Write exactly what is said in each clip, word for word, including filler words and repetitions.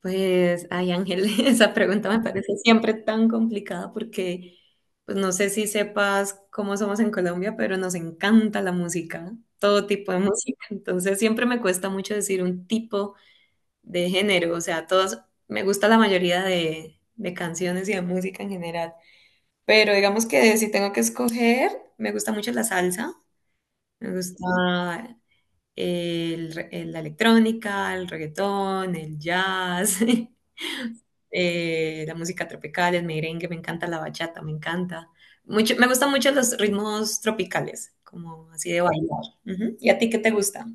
Pues, ay Ángel, esa pregunta me parece siempre tan complicada porque, pues no sé si sepas cómo somos en Colombia, pero nos encanta la música, todo tipo de música. Entonces siempre me cuesta mucho decir un tipo de género, o sea, todos, me gusta la mayoría de, de canciones y de música en general, pero digamos que si tengo que escoger, me gusta mucho la salsa, me gusta el re- el- la electrónica, el reggaetón, el jazz. Eh, la música tropical, el merengue, me encanta la bachata, me encanta. Mucho, me gustan mucho los ritmos tropicales, como así de bailar. Ujú. ¿Y a ti qué te gusta?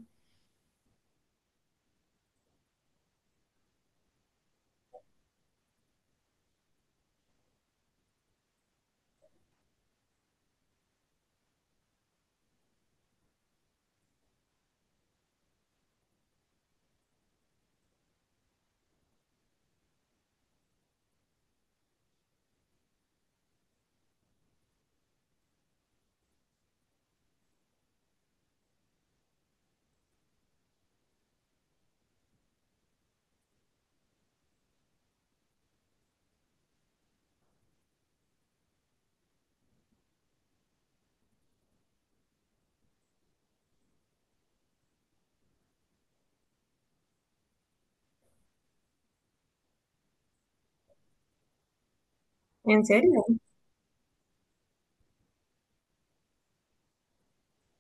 ¿En serio?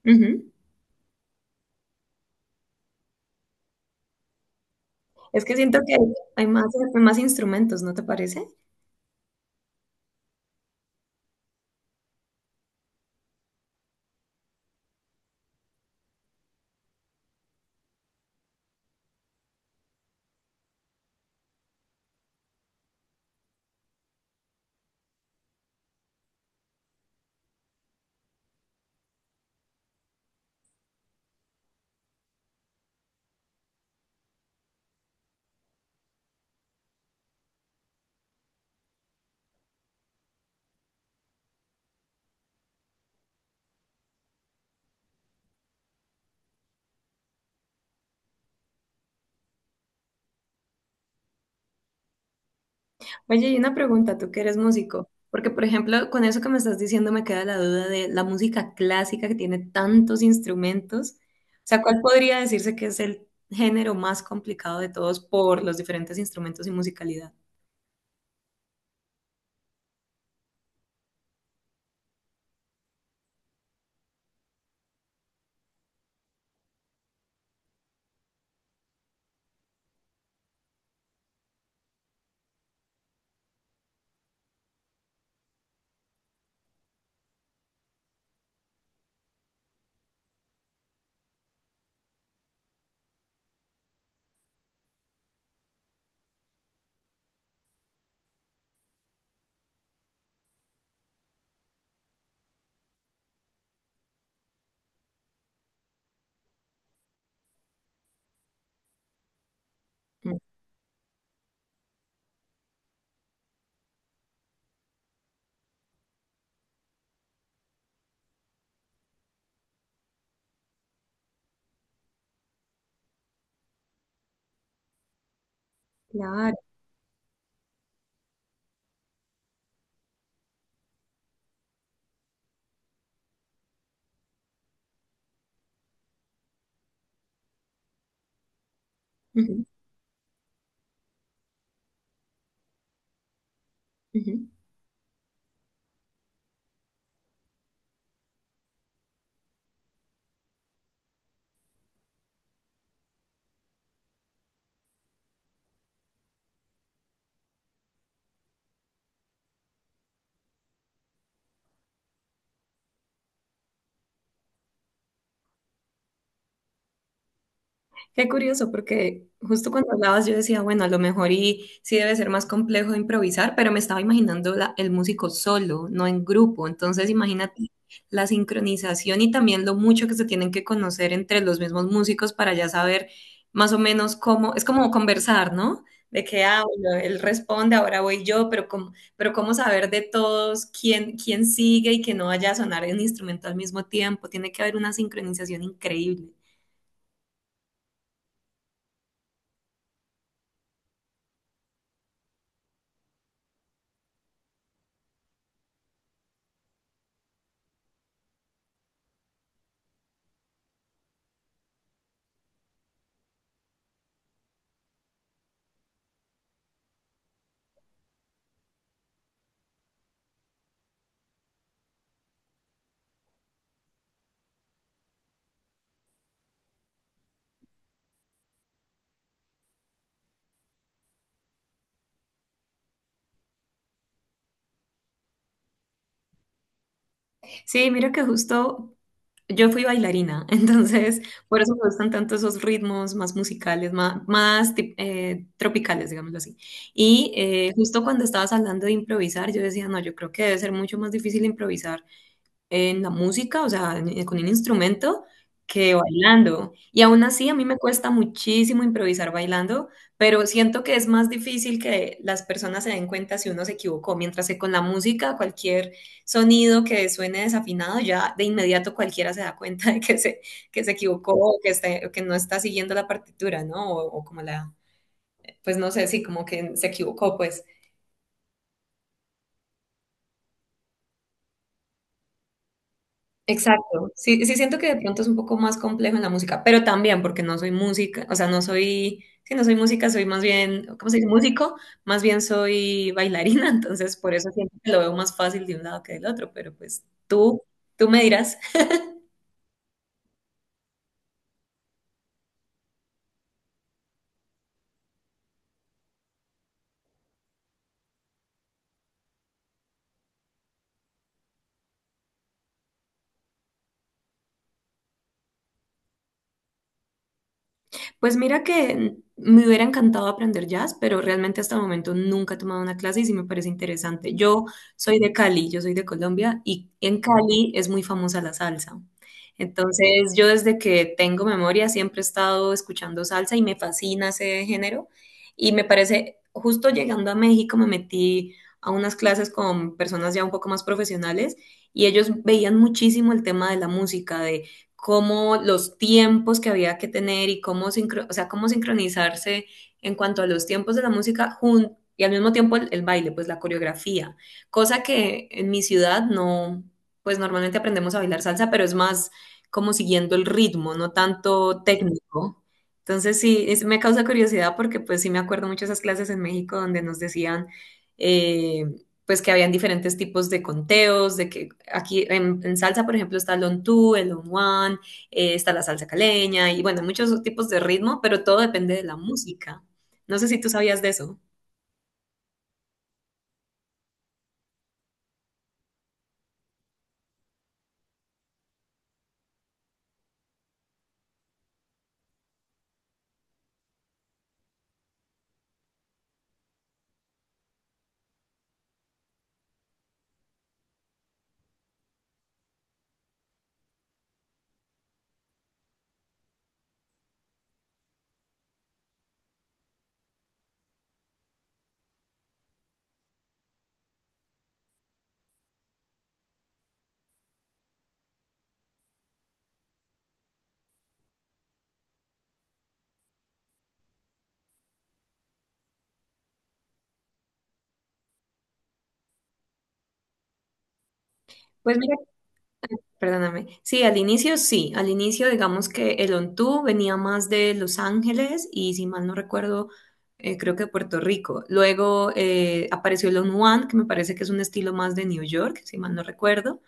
Ujú. Es que siento que hay más, hay más instrumentos, ¿no te parece? Oye, y una pregunta, tú que eres músico, porque por ejemplo, con eso que me estás diciendo me queda la duda de la música clásica que tiene tantos instrumentos. O sea, ¿cuál podría decirse que es el género más complicado de todos por los diferentes instrumentos y musicalidad? Mm. Claro. Ujú, ujú. Qué curioso, porque justo cuando hablabas yo decía, bueno, a lo mejor y sí debe ser más complejo improvisar, pero me estaba imaginando la- el músico solo, no en grupo. Entonces, imagínate la sincronización y también lo mucho que se tienen que conocer entre los mismos músicos para ya saber más o menos cómo, es como conversar, ¿no? De que, ah, bueno, él responde, ahora voy yo, pero cómo, pero cómo saber de todos quién, quién sigue y que no vaya a sonar un instrumento al mismo tiempo. Tiene que haber una sincronización increíble. Sí, mira que justo yo fui bailarina, entonces por eso me gustan tanto esos ritmos más musicales, ma- más, tip- eh, tropicales, digámoslo así. Y eh, justo cuando estabas hablando de improvisar, yo decía, no, yo creo que debe ser mucho más difícil improvisar en la música, o sea, en- con un instrumento, que bailando. Y aún así, a mí me cuesta muchísimo improvisar bailando, pero siento que es más difícil que las personas se den cuenta si uno se equivocó, mientras que con la música, cualquier sonido que suene desafinado, ya de inmediato cualquiera se da cuenta de que se, que se equivocó o que, está- o que no está siguiendo la partitura, ¿no? O, o como la, pues no sé, sí, como que se equivocó, pues. Exacto. Sí, sí siento que de pronto es un poco más complejo en la música, pero también porque no soy música, o sea, no soy, sí, no soy música, soy más bien, ¿cómo se dice? Músico, más bien soy bailarina, entonces por eso siento que lo veo más fácil de un lado que del otro, pero pues tú, tú me dirás. Pues mira que me hubiera encantado aprender jazz, pero realmente hasta el momento nunca he tomado una clase y sí me parece interesante. Yo soy de Cali, yo soy de Colombia y en Cali es muy famosa la salsa. Entonces yo desde que tengo memoria siempre he estado escuchando salsa y me fascina ese género y me parece, justo llegando a México me metí a unas clases con personas ya un poco más profesionales y ellos veían muchísimo el tema de la música, de cómo los tiempos que había que tener y cómo, sincro- o sea, cómo sincronizarse en cuanto a los tiempos de la música jun- y al mismo tiempo el, el baile, pues la coreografía, cosa que en mi ciudad no, pues normalmente aprendemos a bailar salsa, pero es más como siguiendo el ritmo, no tanto técnico. Entonces sí, es- me causa curiosidad porque pues sí me acuerdo mucho de esas clases en México donde nos decían eh, pues que habían diferentes tipos de conteos, de que aquí en, en salsa, por ejemplo, está el on two, el on one, eh, está la salsa caleña y bueno, muchos tipos de ritmo, pero todo depende de la música. No sé si tú sabías de eso. Pues mira, perdóname. Sí, al inicio sí, al inicio digamos que el on two venía más de Los Ángeles y si mal no recuerdo, eh, creo que de Puerto Rico. Luego eh, apareció el on one, que me parece que es un estilo más de New York, si mal no recuerdo.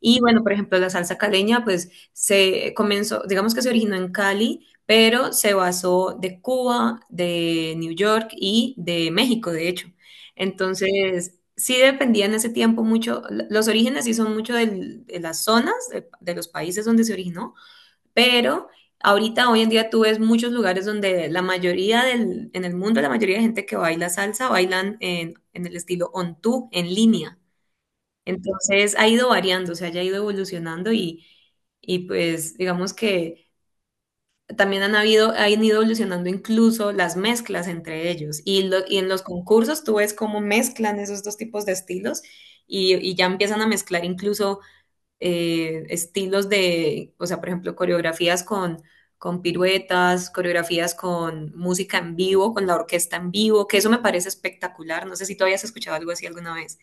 Y bueno, por ejemplo, la salsa caleña, pues se comenzó, digamos que se originó en Cali, pero se basó de Cuba, de New York y de México, de hecho. Entonces, sí dependía en ese tiempo mucho, l- los orígenes sí son mucho del- de las zonas, de, de los países donde se originó, pero ahorita, hoy en día, tú ves muchos lugares donde la mayoría del, en el mundo, la mayoría de gente que baila salsa bailan en, en el estilo on two, en línea. Entonces ha ido variando, o sea, ya ha ido evolucionando y, y pues digamos que también han habido, han ido evolucionando incluso las mezclas entre ellos. Y, lo- y en los concursos tú ves cómo mezclan esos dos tipos de estilos y, y ya empiezan a mezclar incluso eh, estilos de, o sea, por ejemplo, coreografías con, con piruetas, coreografías con música en vivo, con la orquesta en vivo, que eso me parece espectacular. No sé si tú habías escuchado algo así alguna vez.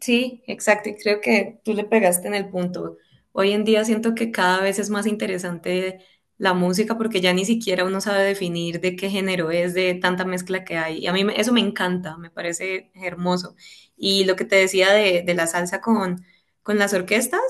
Sí, exacto. Y creo que tú le pegaste en el punto. Hoy en día siento que cada vez es más interesante la música porque ya ni siquiera uno sabe definir de qué género es, de tanta mezcla que hay. Y a mí me- eso me encanta, me parece hermoso. Y lo que te decía de, de la salsa con, con las orquestas,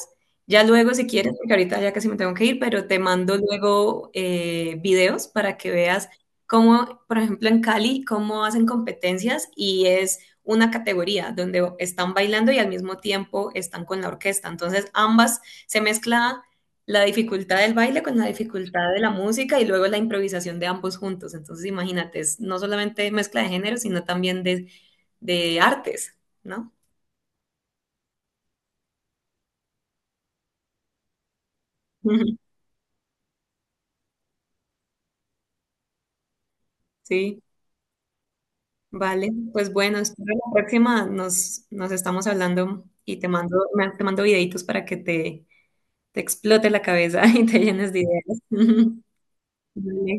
ya luego si quieres, porque ahorita ya casi me tengo que ir, pero te mando luego eh, videos para que veas cómo, por ejemplo, en Cali, cómo hacen competencias y es una categoría donde están bailando y al mismo tiempo están con la orquesta. Entonces ambas se mezcla la dificultad del baile con la dificultad de la música y luego la improvisación de ambos juntos. Entonces imagínate, es no solamente mezcla de géneros, sino también de, de artes, ¿no? Sí, vale. Pues bueno, espero la próxima nos, nos estamos hablando y te mando, me- te mando videitos para que te, te explote la cabeza y te llenes de ideas. Vale.